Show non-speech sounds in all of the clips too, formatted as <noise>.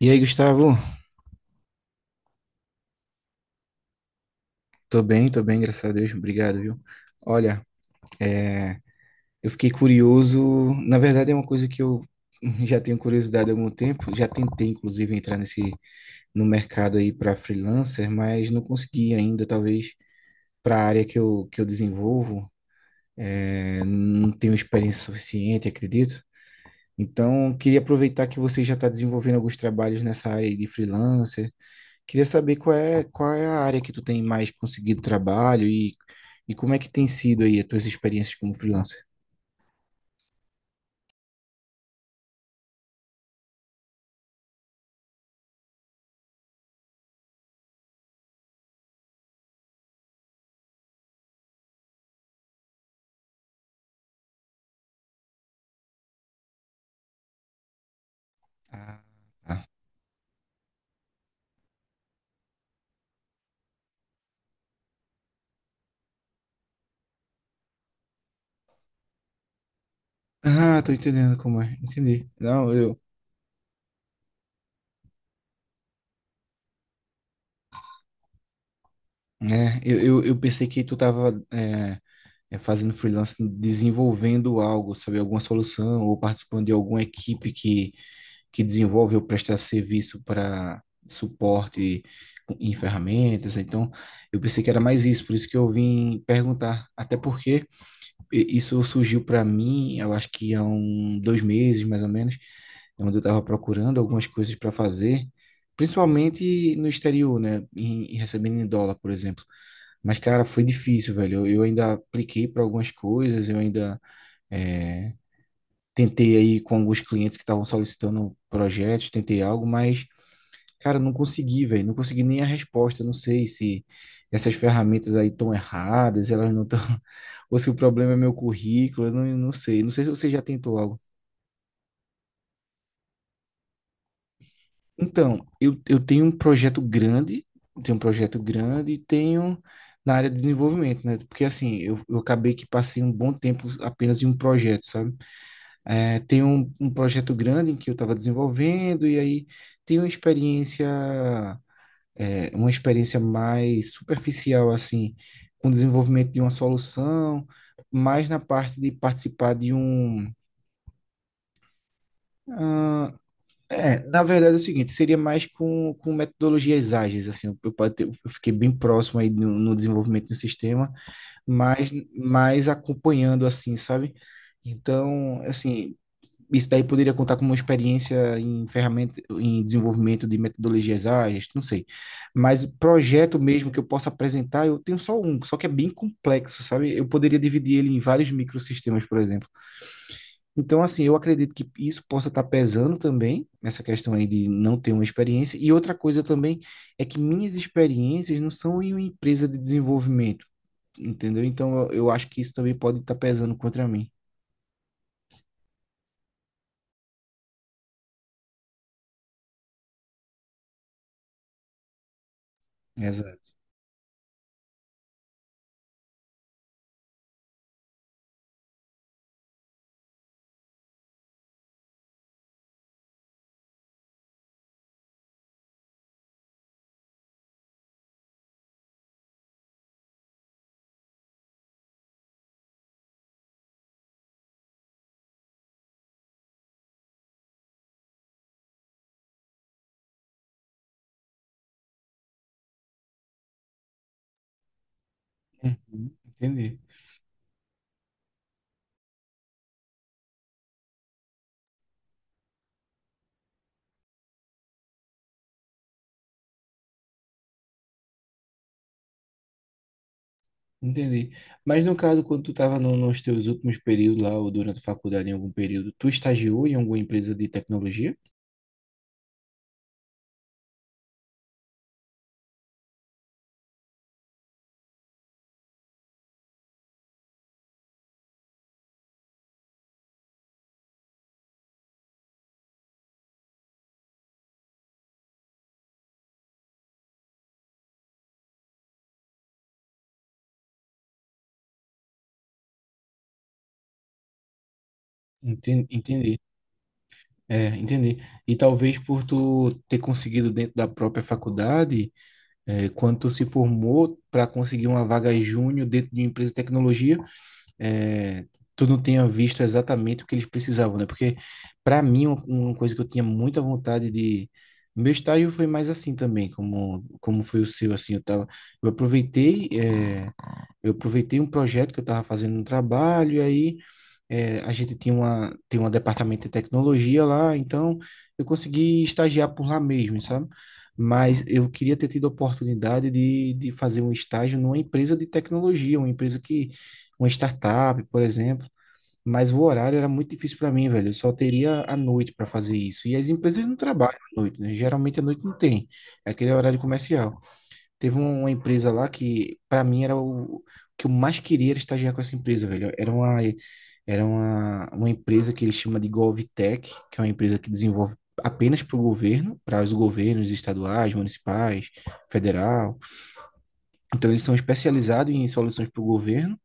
E aí, Gustavo? Tô bem, graças a Deus. Obrigado, viu? Olha, eu fiquei curioso. Na verdade, é uma coisa que eu já tenho curiosidade há algum tempo. Já tentei, inclusive, entrar nesse no mercado aí para freelancer, mas não consegui ainda. Talvez para a área que eu desenvolvo, não tenho experiência suficiente, acredito. Então, queria aproveitar que você já está desenvolvendo alguns trabalhos nessa área aí de freelancer. Queria saber qual é a área que tu tem mais conseguido trabalho e como é que tem sido aí as tuas experiências como freelancer. Ah, tá. Ah, tô entendendo como é. Entendi. Não, eu, né, eu pensei que tu tava fazendo freelance, desenvolvendo algo, sabe, alguma solução ou participando de alguma equipe que desenvolve ou presta serviço para suporte em ferramentas. Então, eu pensei que era mais isso, por isso que eu vim perguntar. Até porque isso surgiu para mim, eu acho que há um, dois meses, mais ou menos, onde eu estava procurando algumas coisas para fazer, principalmente no exterior, né? Em recebendo em dólar, por exemplo. Mas, cara, foi difícil, velho. Eu ainda apliquei para algumas coisas, eu ainda é, tentei aí com alguns clientes que estavam solicitando projetos, tentei algo, mas cara, não consegui, velho. Não consegui nem a resposta. Não sei se essas ferramentas aí estão erradas, elas não estão. <laughs> Ou se o problema é meu currículo, eu não sei. Não sei se você já tentou algo. Então, eu tenho um projeto grande, tenho um projeto grande e tenho na área de desenvolvimento, né? Porque assim, eu acabei que passei um bom tempo apenas em um projeto, sabe? É, tem um projeto grande em que eu estava desenvolvendo, e aí tenho uma experiência. Uma experiência mais superficial, assim, com o desenvolvimento de uma solução, mais na parte de participar de um. ah, Na verdade é o seguinte, seria mais com metodologias ágeis, assim, eu fiquei bem próximo aí no desenvolvimento do sistema, mas mais acompanhando, assim, sabe? Então, assim, isso daí poderia contar como uma experiência em ferramenta, em desenvolvimento de metodologias ágeis, não sei. Mas projeto mesmo que eu possa apresentar, eu tenho só um, só que é bem complexo, sabe? Eu poderia dividir ele em vários microsistemas, por exemplo. Então, assim, eu acredito que isso possa estar pesando também, nessa questão aí de não ter uma experiência. E outra coisa também é que minhas experiências não são em uma empresa de desenvolvimento, entendeu? Então, eu acho que isso também pode estar pesando contra mim. Exato. Uhum, entendi. Entendi. Mas no caso, quando tu estava nos teus últimos períodos lá, ou durante a faculdade, em algum período, tu estagiou em alguma empresa de tecnologia? Entendi. Entendi. É, entendi. E talvez por tu ter conseguido dentro da própria faculdade, quando tu se formou para conseguir uma vaga júnior dentro de uma empresa de tecnologia, é, tu não tenha visto exatamente o que eles precisavam, né? Porque, para mim, uma coisa que eu tinha muita vontade de. Meu estágio foi mais assim também, como foi o seu, assim, eu tava, eu aproveitei, eu aproveitei um projeto que eu estava fazendo no trabalho, e aí a gente tinha uma, tem um departamento de tecnologia lá, então eu consegui estagiar por lá mesmo, sabe? Mas eu queria ter tido a oportunidade de fazer um estágio numa empresa de tecnologia, uma empresa que, uma startup, por exemplo. Mas o horário era muito difícil para mim, velho. Eu só teria a noite para fazer isso. E as empresas não trabalham à noite, né? Geralmente à noite não tem. É aquele horário comercial. Teve uma empresa lá que, pra mim, era o que eu mais queria era estagiar com essa empresa, velho. Uma empresa que eles chamam de GovTech, que é uma empresa que desenvolve apenas para o governo, para os governos estaduais, municipais, federal. Então, eles são especializados em soluções para o governo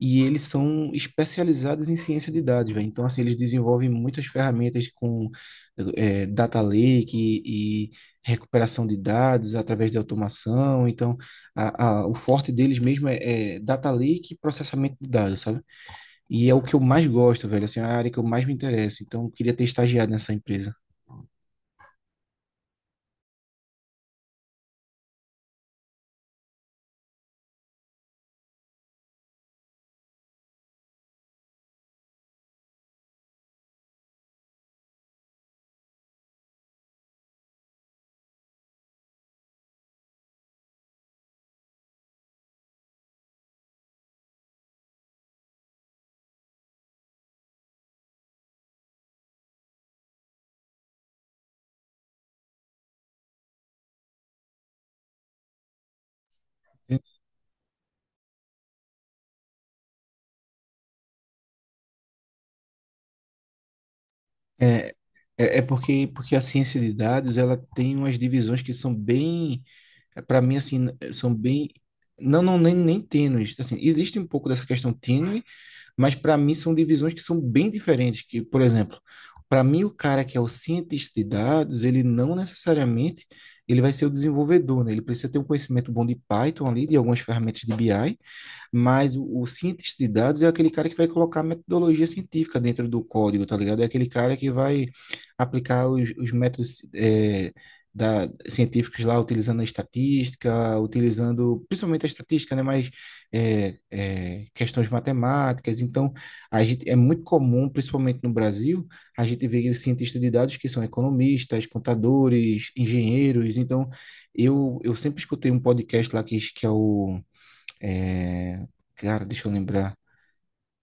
e eles são especializados em ciência de dados, velho. Então, assim, eles desenvolvem muitas ferramentas com data lake e recuperação de dados através de automação. Então, o forte deles mesmo é data lake e processamento de dados, sabe? E é o que eu mais gosto, velho. Assim, é a área que eu mais me interesso. Então, eu queria ter estagiado nessa empresa. É, é porque, porque a ciência de dados, ela tem umas divisões que são bem para mim, assim, são bem. Não, não, nem tênues. Assim, existe um pouco dessa questão tênue, mas para mim são divisões que são bem diferentes. Que, por exemplo, para mim, o cara que é o cientista de dados, ele não necessariamente ele vai ser o desenvolvedor, né? Ele precisa ter um conhecimento bom de Python ali, de algumas ferramentas de BI, mas o cientista de dados é aquele cara que vai colocar metodologia científica dentro do código, tá ligado? É aquele cara que vai aplicar os métodos científicos lá, utilizando a estatística, utilizando principalmente a estatística, né? Mas questões matemáticas. Então, a gente, é muito comum, principalmente no Brasil, a gente vê os cientistas de dados que são economistas, contadores, engenheiros. Então, eu sempre escutei um podcast lá que é o é, cara, deixa eu lembrar.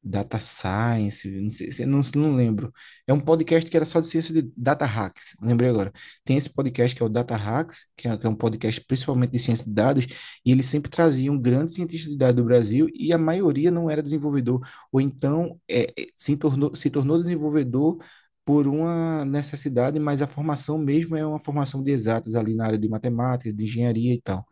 Data Science, não sei, não, não lembro. É um podcast que era só de ciência de data hacks, lembrei agora. Tem esse podcast que é o Data Hacks, que é um podcast principalmente de ciência de dados, e eles sempre traziam grandes cientistas de dados do Brasil, e a maioria não era desenvolvedor, ou então se tornou, se tornou desenvolvedor por uma necessidade, mas a formação mesmo é uma formação de exatas ali na área de matemática, de engenharia e tal.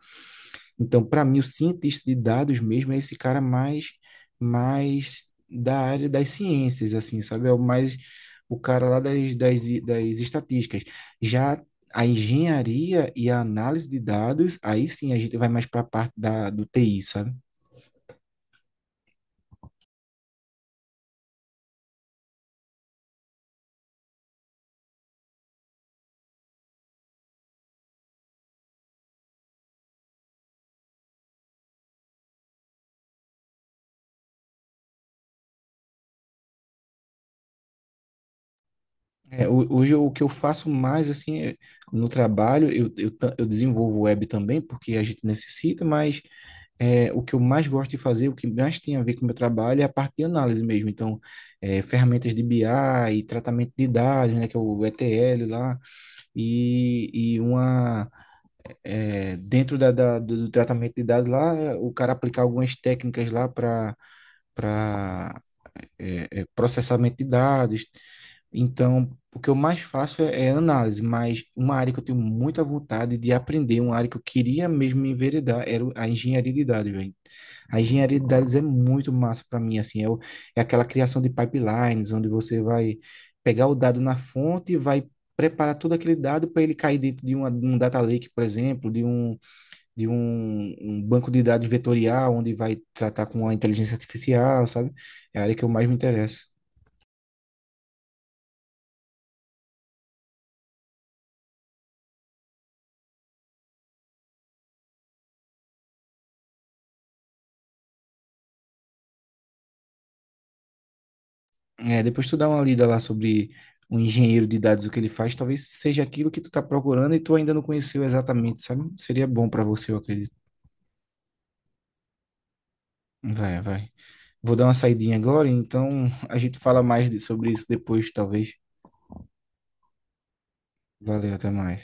Então, para mim, o cientista de dados mesmo é esse cara mais, mais da área das ciências, assim, sabe? É o mais o cara lá das estatísticas. Já a engenharia e a análise de dados, aí sim a gente vai mais para a parte da, do TI, sabe? É, hoje o que eu faço mais, assim, é, no trabalho, eu desenvolvo web também, porque a gente necessita, mas o que eu mais gosto de fazer, o que mais tem a ver com o meu trabalho é a parte de análise mesmo. Então, ferramentas de BI e tratamento de dados, né, que é o ETL lá, e, e uma dentro tratamento de dados lá, o cara aplicar algumas técnicas lá para para processamento de dados. Então, o que eu mais faço é análise, mas uma área que eu tenho muita vontade de aprender, uma área que eu queria mesmo me enveredar, era a engenharia de dados, velho. A engenharia de dados é muito massa para mim, assim, é aquela criação de pipelines, onde você vai pegar o dado na fonte e vai preparar todo aquele dado para ele cair dentro de uma, de um data lake, por exemplo, de um, um banco de dados vetorial, onde vai tratar com a inteligência artificial, sabe? É a área que eu mais me interesso. É, depois tu dá uma lida lá sobre o engenheiro de dados, o que ele faz, talvez seja aquilo que tu tá procurando e tu ainda não conheceu exatamente, sabe? Seria bom para você, eu acredito. Vai, vai. Vou dar uma saidinha agora, então <laughs> a gente fala mais sobre isso depois, talvez. Valeu, até mais.